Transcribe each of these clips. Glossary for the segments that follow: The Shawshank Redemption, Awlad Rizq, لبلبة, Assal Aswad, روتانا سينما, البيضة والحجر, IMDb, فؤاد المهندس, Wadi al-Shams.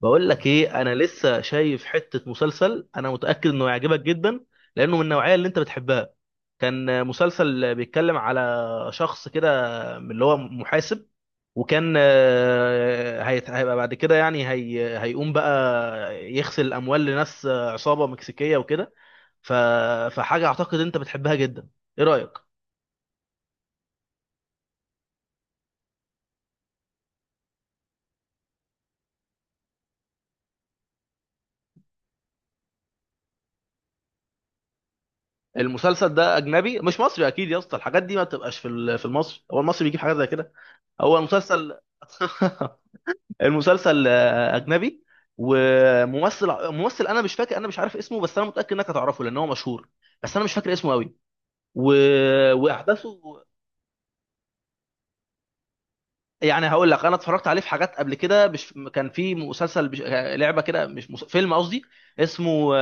بقول لك ايه، انا لسه شايف حته مسلسل، انا متاكد انه يعجبك جدا. لانه من النوعيه اللي انت بتحبها. كان مسلسل بيتكلم على شخص كده، من اللي هو محاسب. وكان هيبقى بعد كده، يعني هيقوم بقى يغسل الاموال لناس، عصابه مكسيكيه وكده. ف- فحاجه اعتقد انت بتحبها جدا. ايه رايك؟ المسلسل ده اجنبي مش مصري اكيد يا اسطى، الحاجات دي ما بتبقاش في في المصري. هو المصري بيجيب حاجات زي كده؟ هو مسلسل المسلسل اجنبي. وممثل ممثل، انا مش فاكر، انا مش عارف اسمه، بس انا متاكد انك هتعرفه لان هو مشهور. بس انا مش فاكر اسمه قوي. و... واحداثه. يعني هقول لك، انا اتفرجت عليه في حاجات قبل كده. مش كان في مسلسل لعبه كده، مش فيلم قصدي. اسمه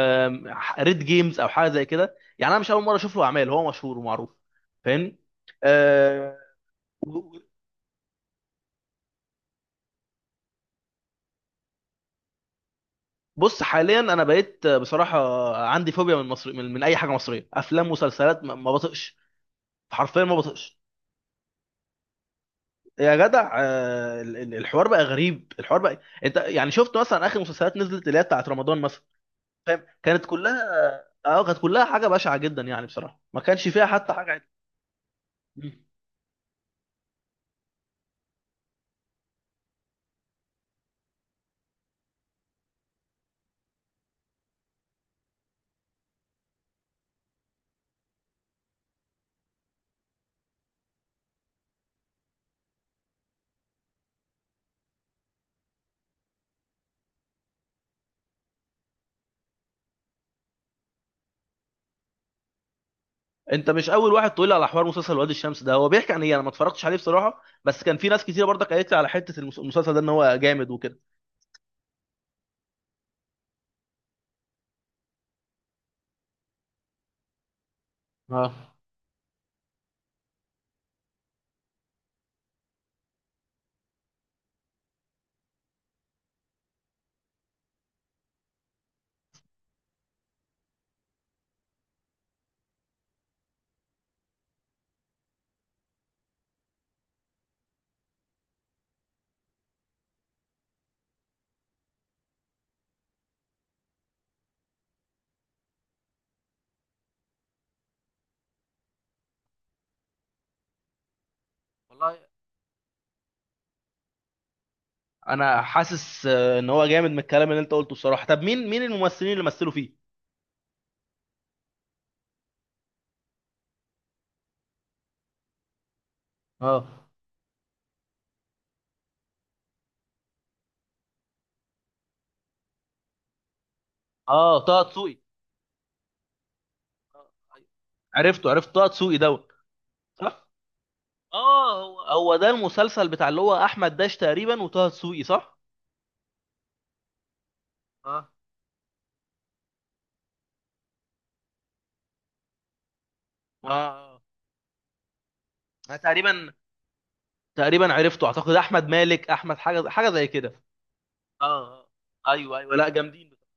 ريد جيمز او حاجه زي كده. يعني انا مش اول مره اشوف له اعمال، هو مشهور ومعروف. فاهمني؟ آه، و- بص، حاليا انا بقيت بصراحه عندي فوبيا من مصر، من اي حاجه مصريه، افلام، مسلسلات، ما بطقش. حرفيا ما بطقش. يا جدع، الحوار بقى غريب. الحوار بقى، انت يعني شفت مثلا اخر مسلسلات نزلت اللي هي بتاعت رمضان مثلا؟ فاهم؟ كانت كلها. اه، كانت كلها حاجه بشعه جدا يعني بصراحه، ما كانش فيها حتى حاجه عدل. مم. انت مش اول واحد تقول لي على حوار مسلسل وادي الشمس ده. هو بيحكي عن ايه؟ انا ما اتفرجتش عليه بصراحه، بس كان في ناس كتير برضك قالت لي على حته المسلسل ده ان هو جامد وكده. اه، والله انا حاسس ان هو جامد من الكلام اللي انت قلته بصراحه. طب مين الممثلين اللي مثلوا فيه؟ اه، اه، طه دسوقي. اه، أيوة. عرفته، عرفت طه دسوقي دوت. صح. هو ده المسلسل بتاع اللي هو احمد داش تقريبا وطه دسوقي، صح؟ اه، اه، اه. انا تقريبا، تقريبا عرفته، اعتقد احمد مالك، احمد حاجه حاجه زي كده. اه، آه. ايوه، ايوه، لا جامدين بصراحة.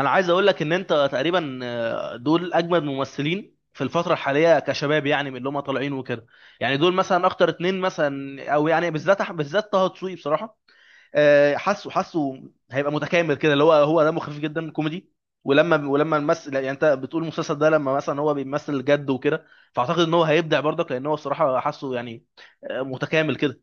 انا عايز اقول لك ان انت تقريبا، دول اجمد ممثلين في الفتره الحاليه كشباب، يعني من اللي هم طالعين وكده. يعني دول مثلا اكتر اتنين مثلا، او يعني بالذات بالذات طه دسوقي بصراحه. حاسه هيبقى متكامل كده. اللي هو دمه خفيف جدا، كوميدي. ولما الممثل، يعني انت بتقول المسلسل ده، لما مثلا هو بيمثل جد وكده، فاعتقد ان هو هيبدع برضك، لان هو الصراحه حاسه يعني متكامل كده.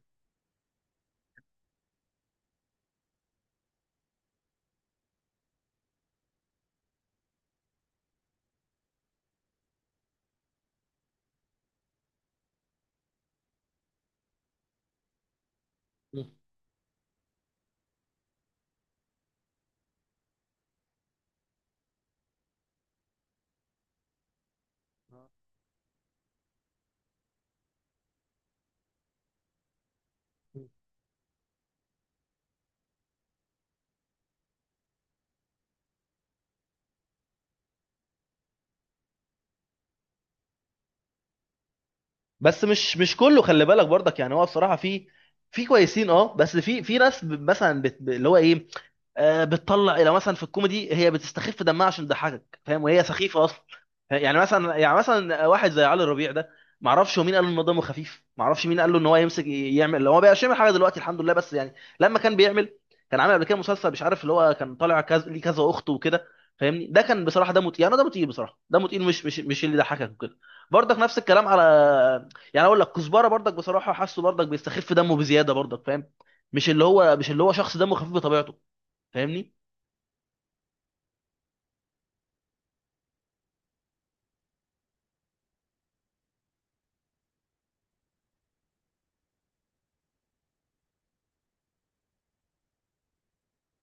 بس مش كله، خلي بالك برضك، يعني هو بصراحه في كويسين، اه، بس في ناس مثلا اللي هو ايه، بتطلع لو مثلا في الكوميدي هي بتستخف دمها عشان تضحكك، فاهم؟ وهي سخيفه اصلا. يعني مثلا واحد زي علي ربيع ده، ما اعرفش هو مين قال له ان هو دمه خفيف، ما اعرفش مين قال له ان هو يمسك يعمل. لو هو بقى يعمل حاجه دلوقتي، الحمد لله، بس يعني لما كان بيعمل، كان عامل قبل كده مسلسل مش عارف اللي هو كان طالع كذا ليه كذا اخت وكده. فاهمني؟ ده كان بصراحه دمه تقيل، انا دمه تقيل بصراحه، دمه تقيل مش اللي يضحكك وكده. برضك نفس الكلام على، يعني اقول لك، كزبره برضك بصراحه حاسه برضك بيستخف دمه بزياده برضك، فاهم؟ مش اللي هو شخص دمه خفيف بطبيعته. فاهمني؟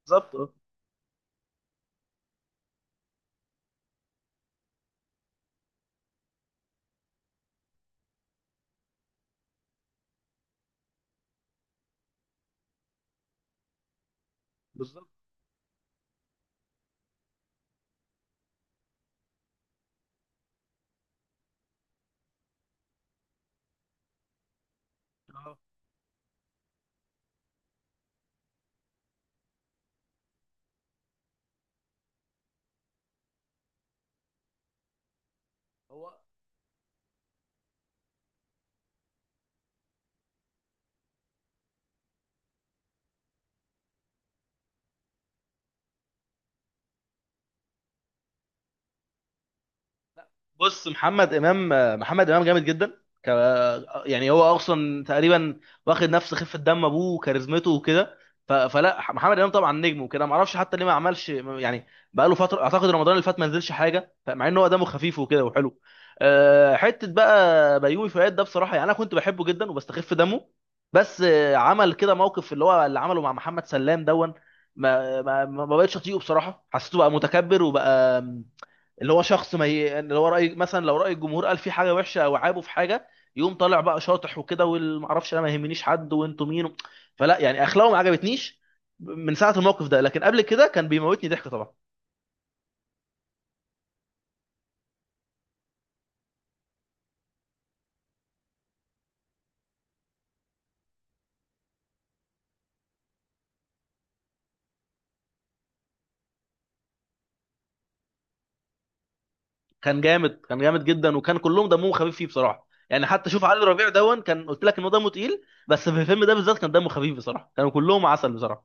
بالظبط، اه، بالظبط، اه. هو بص، محمد امام، محمد امام جامد جدا، ك... يعني هو اصلا تقريبا واخد نفس خفه دم ابوه وكاريزمته وكده. فلا، محمد امام طبعا نجم وكده، ما اعرفش حتى ليه ما عملش يعني بقى له فتره، اعتقد رمضان اللي فات ما نزلش حاجه، مع ان هو دمه خفيف وكده وحلو. أه، حته بقى بيومي فؤاد ده بصراحه، يعني انا كنت بحبه جدا وبستخف دمه. بس عمل كده موقف اللي هو اللي عمله مع محمد سلام دون، ما بقتش اطيقه بصراحه، حسيته بقى متكبر وبقى اللي هو شخص ما ي... اللي هو، راي مثلا لو راي الجمهور قال في حاجه وحشه او عابه في حاجه، يقوم طالع بقى شاطح وكده، والمعرفش انا، ما يهمنيش حد، وانتوا مين فلا يعني اخلاقه ما عجبتنيش من ساعه الموقف ده. لكن قبل كده كان بيموتني ضحك طبعا. كان جامد، كان جامد جدا، وكان كلهم دمهم خفيف فيه بصراحه. يعني حتى شوف علي ربيع دون، كان قلت لك ان هو دمه تقيل، بس في الفيلم ده بالذات كان دمه خفيف بصراحه، كانوا كلهم عسل بصراحه.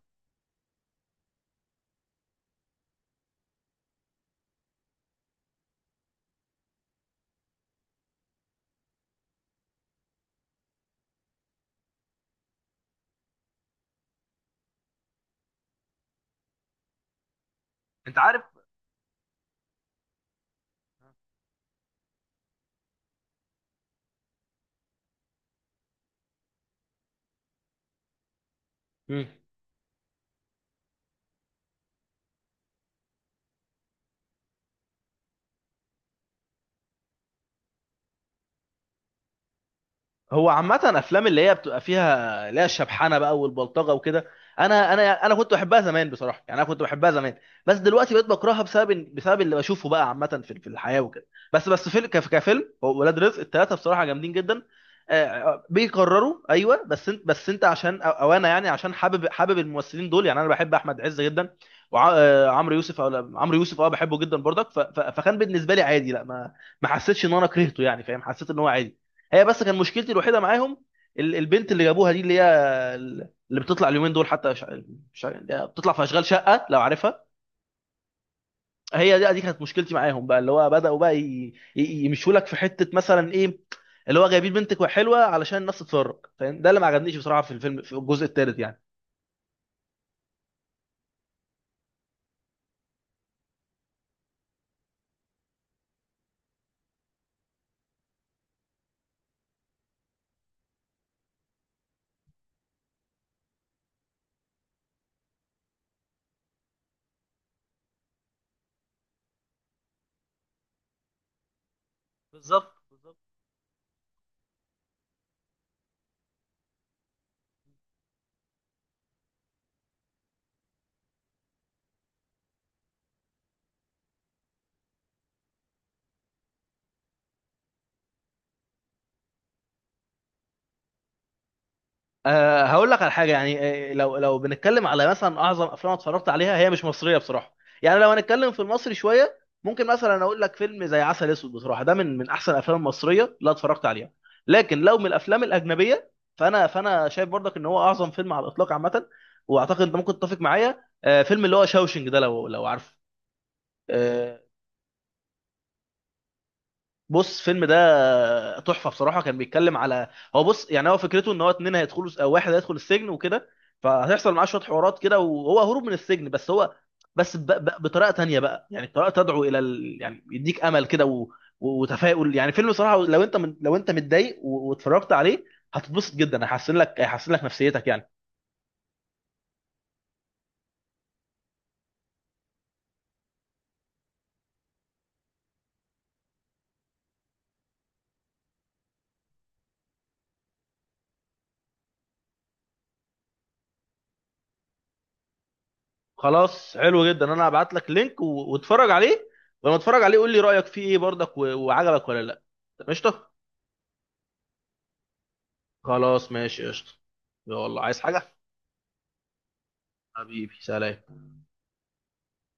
انت عارف. مم. هو عامة أفلام اللي هي بتبقى فيها اللي هي الشبحانة بقى والبلطجة وكده، أنا كنت بحبها زمان بصراحة، يعني أنا كنت بحبها زمان. بس دلوقتي بقيت بكرهها بسبب اللي بشوفه بقى عامة في الحياة وكده. بس فيلم كفيلم هو ولاد رزق التلاتة بصراحة جامدين جدا. بيكرروا، أيوه، بس أنت عشان أو أنا، يعني عشان حابب الممثلين دول. يعني أنا بحب أحمد عز جدا وعمرو يوسف. أو لا، عمرو يوسف، أه، بحبه جدا برضك. فكان بالنسبة لي عادي، لا، ما حسيتش إن أنا كرهته، يعني فاهم، حسيت إن هو عادي. هي بس كان مشكلتي الوحيده معاهم البنت اللي جابوها دي، اللي هي اللي بتطلع اليومين دول، حتى بتطلع في اشغال شقه لو عارفها. هي دي كانت مشكلتي معاهم، بقى اللي هو بداوا بقى يمشوا لك في حته مثلا ايه، اللي هو جايبين بنتك حلوه علشان الناس تتفرج، فاهم؟ ده اللي ما عجبنيش بصراحه في الفيلم في الجزء الثالث يعني. بالظبط، بالظبط. أه، هقول لك على حاجه يعني. لو بنتكلم على مثلا اعظم افلام أنا اتفرجت عليها، هي مش مصريه بصراحه. يعني لو هنتكلم في المصري شويه، ممكن مثلا اقول لك فيلم زي عسل اسود، بصراحه ده من احسن الافلام المصريه اللي اتفرجت عليها. لكن لو من الافلام الاجنبيه، فانا شايف برضك ان هو اعظم فيلم على الاطلاق عامه. واعتقد انت ممكن تتفق معايا، فيلم اللي هو شاوشنج ده، لو عارفه. آه، بص، الفيلم ده تحفه بصراحه. كان بيتكلم على، هو بص، يعني هو فكرته ان هو اتنين هيدخلوا، او واحد هيدخل السجن وكده، فهيحصل معاه شويه حوارات كده، وهو هروب من السجن، بس هو بس بطريقه تانية بقى، يعني طريقه تدعو الى يعني يديك امل كده وتفاؤل يعني. فيلم بصراحه لو انت لو انت متضايق واتفرجت عليه، هتتبسط جدا، هيحسن لك نفسيتك يعني. خلاص، حلو جدا، انا هبعت لك لينك واتفرج عليه. ولما تتفرج عليه قول لي رايك فيه ايه برضك، وعجبك ولا لا. قشطه. خلاص، ماشي، قشطة. يلا، عايز حاجة؟ حبيبي، سلام.